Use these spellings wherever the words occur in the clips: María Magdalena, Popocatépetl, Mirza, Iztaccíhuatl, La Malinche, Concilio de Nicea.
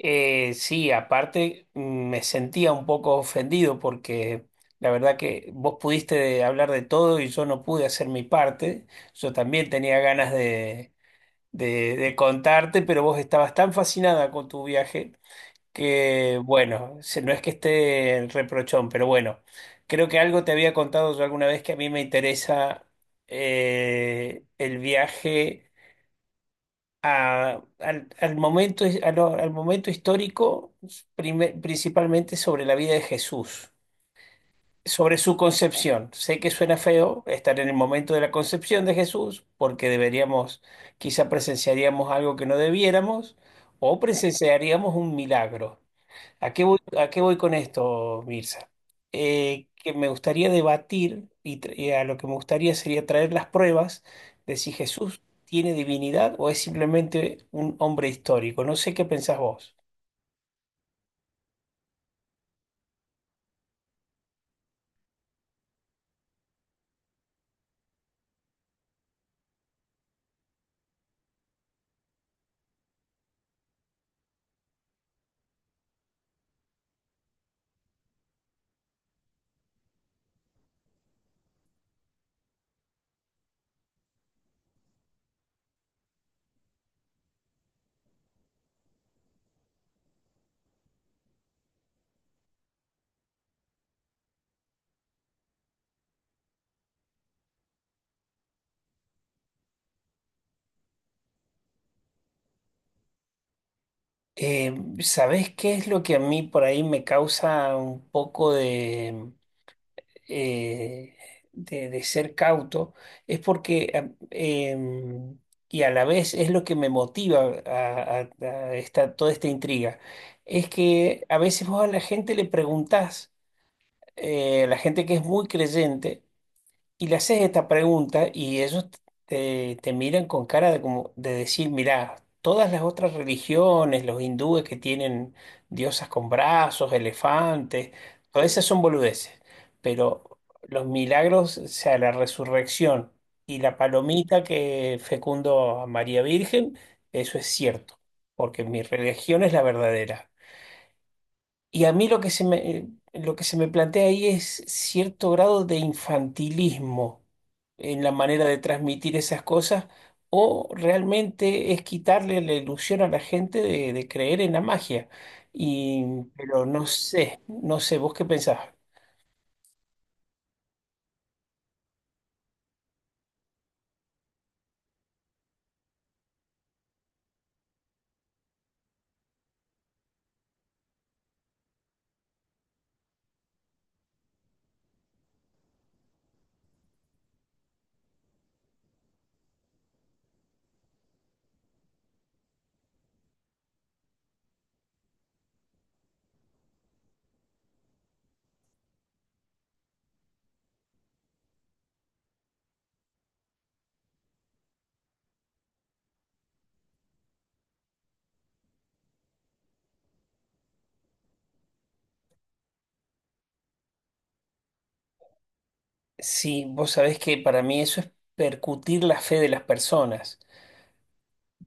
Sí, aparte me sentía un poco ofendido porque la verdad que vos pudiste hablar de todo y yo no pude hacer mi parte. Yo también tenía ganas de, de contarte, pero vos estabas tan fascinada con tu viaje que, bueno, se- no es que esté el reprochón, pero bueno, creo que algo te había contado yo alguna vez que a mí me interesa el viaje al momento, al momento histórico, principalmente sobre la vida de Jesús, sobre su concepción. Sé que suena feo estar en el momento de la concepción de Jesús, porque deberíamos, quizá presenciaríamos algo que no debiéramos, o presenciaríamos un milagro. A qué voy con esto, Mirza? Que me gustaría debatir y, y a lo que me gustaría sería traer las pruebas de si Jesús tiene divinidad o es simplemente un hombre histórico. No sé qué pensás vos. Eh, ¿Sabés qué es lo que a mí por ahí me causa un poco eh, de ser cauto es porque, y a la vez es lo que me motiva a, a esta, toda esta intriga, es que a veces vos a la gente le preguntás, a la gente que es muy creyente, y le haces esta pregunta y ellos te, te miran con cara de, como, de decir, mirá, todas las otras religiones, los hindúes que tienen diosas con brazos, elefantes, todas esas son boludeces, pero los milagros, o sea, la resurrección y la palomita que fecundó a María Virgen, eso es cierto, porque mi religión es la verdadera. Y a mí lo que se me, lo que se me plantea ahí es cierto grado de infantilismo en la manera de transmitir esas cosas, o realmente es quitarle la ilusión a la gente de creer en la magia. Y, pero no sé, no sé, ¿vos qué pensás? Sí, vos sabés que para mí eso es percutir la fe de las personas,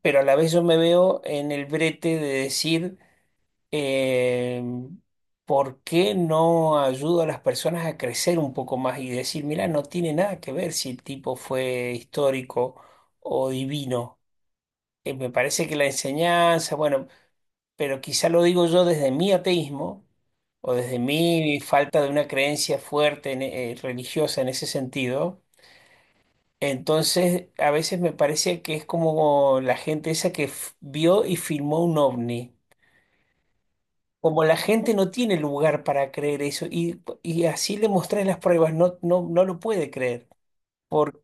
pero a la vez yo me veo en el brete de decir eh, ¿por qué no ayudo a las personas a crecer un poco más y decir, mira, no tiene nada que ver si el tipo fue histórico o divino? Me parece que la enseñanza, bueno, pero quizá lo digo yo desde mi ateísmo o desde mi falta de una creencia fuerte religiosa en ese sentido. Entonces, a veces me parece que es como la gente esa que vio y filmó un ovni. Como la gente no tiene lugar para creer eso, y así le mostrás las pruebas, no, no, no lo puede creer, porque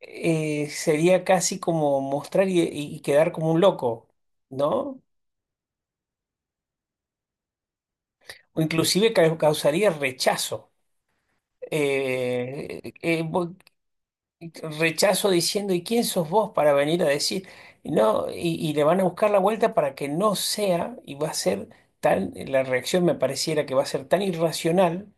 sería casi como mostrar y quedar como un loco, ¿no? O inclusive causaría rechazo. Eh, eh, vo- rechazo diciendo, ¿y quién sos vos para venir a decir? No, y le van a buscar la vuelta para que no sea, y va a ser tan, la reacción me pareciera que va a ser tan irracional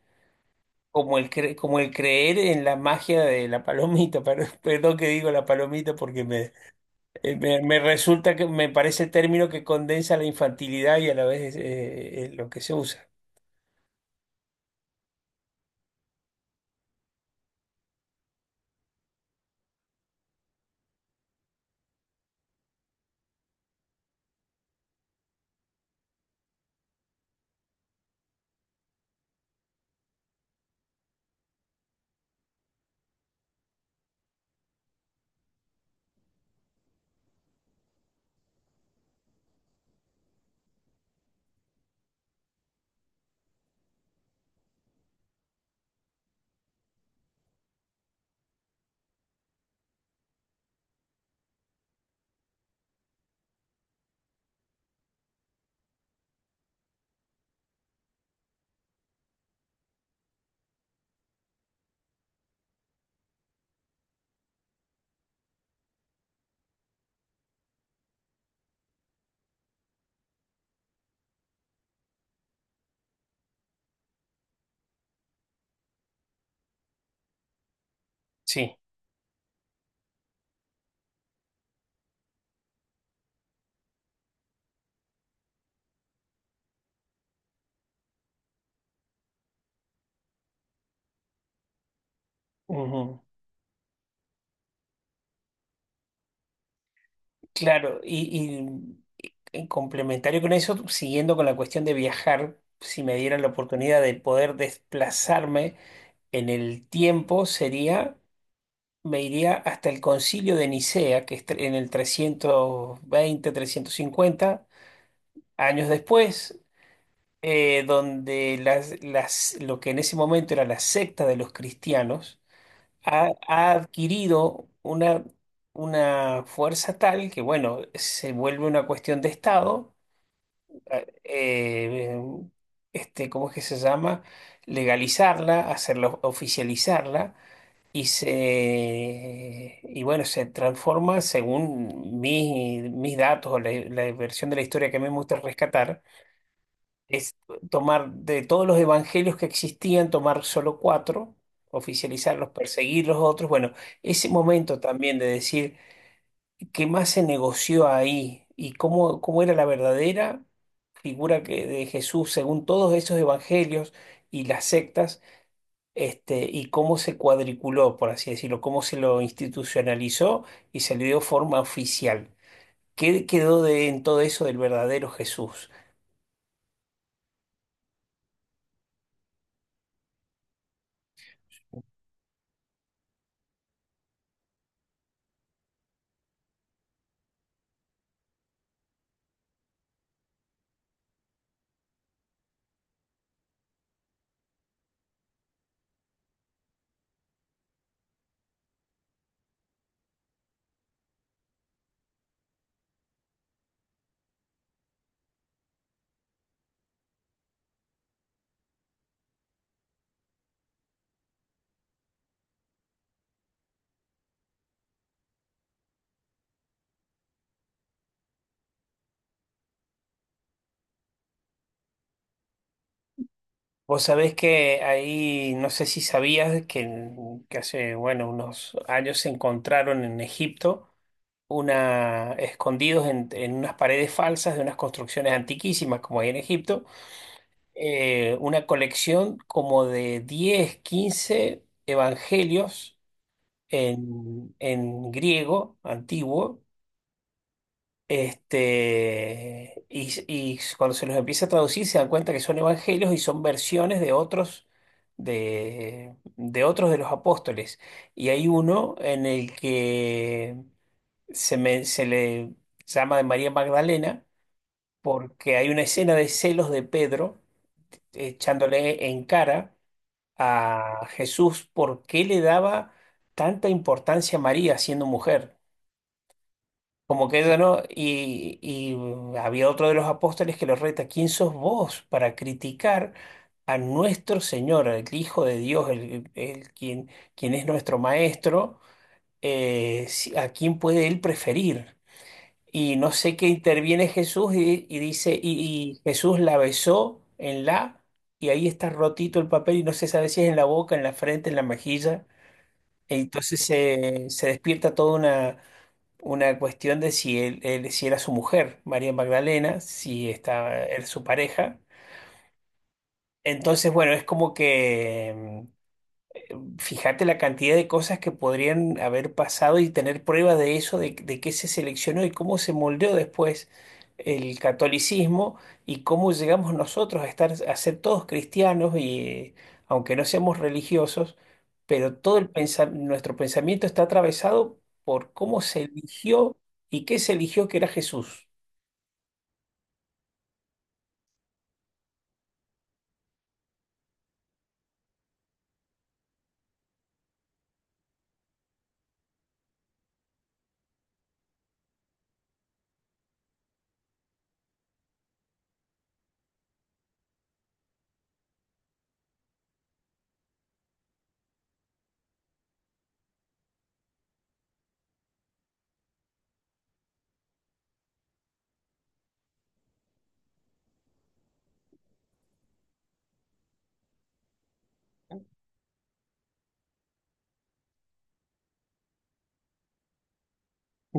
como el, como el creer en la magia de la palomita, pero- perdón que digo la palomita porque me, me, me resulta que me parece el término que condensa la infantilidad y a la vez lo que se usa. Sí. Ujú. Claro, y, y complementario con eso, siguiendo con la cuestión de viajar, si me dieran la oportunidad de poder desplazarme en el tiempo, sería, me iría hasta el Concilio de Nicea, que es en el 320 350 años después, donde lo que en ese momento era la secta de los cristianos ha, ha adquirido una fuerza tal que, bueno, se vuelve una cuestión de Estado, eh, este, ¿cómo es que se llama? Legalizarla, hacerlo, oficializarla. Y se, y bueno, se transforma según mis, mis datos o la la versión de la historia que a mí me gusta rescatar, es tomar de todos los evangelios que existían, tomar solo cuatro, oficializarlos, perseguir los otros. Bueno, ese momento también de decir qué más se negoció ahí y cómo, cómo era la verdadera figura que, de Jesús según todos esos evangelios y las sectas. Este, y cómo se cuadriculó, por así decirlo, cómo se lo institucionalizó y se le dio forma oficial. ¿Qué quedó de, en todo eso del verdadero Jesús? Vos sabés que ahí, no sé si sabías que hace, bueno, unos años se encontraron en Egipto una, escondidos en unas paredes falsas de unas construcciones antiquísimas como hay en Egipto, una colección como de 10 15 evangelios en griego antiguo este, y cuando se los empieza a traducir se dan cuenta que son evangelios y son versiones de otros de los apóstoles. Y hay uno en el que se, se le llama de María Magdalena porque hay una escena de celos de Pedro echándole en cara a Jesús por qué le daba tanta importancia a María siendo mujer. Como que ella no, y había otro de los apóstoles que lo reta, ¿quién sos vos para criticar a nuestro Señor, el Hijo de Dios, el quien, quien es nuestro Maestro, a quién puede él preferir? Y no sé qué interviene Jesús y dice, y Jesús la besó en la, y ahí está rotito el papel y no se sabe si es en la boca, en la frente, en la mejilla. Entonces se despierta toda una cuestión de si él, si era su mujer, María Magdalena, si estaba él su pareja. Entonces, bueno, es como que fíjate la cantidad de cosas que podrían haber pasado y tener prueba de eso, de qué se seleccionó y cómo se moldeó después el catolicismo y cómo llegamos nosotros a estar, a ser todos cristianos y aunque no seamos religiosos, pero todo el nuestro pensamiento está atravesado por cómo se eligió y qué se eligió que era Jesús.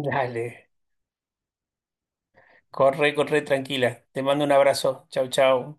Dale, corre, corre tranquila. Te mando un abrazo. Chau, chau.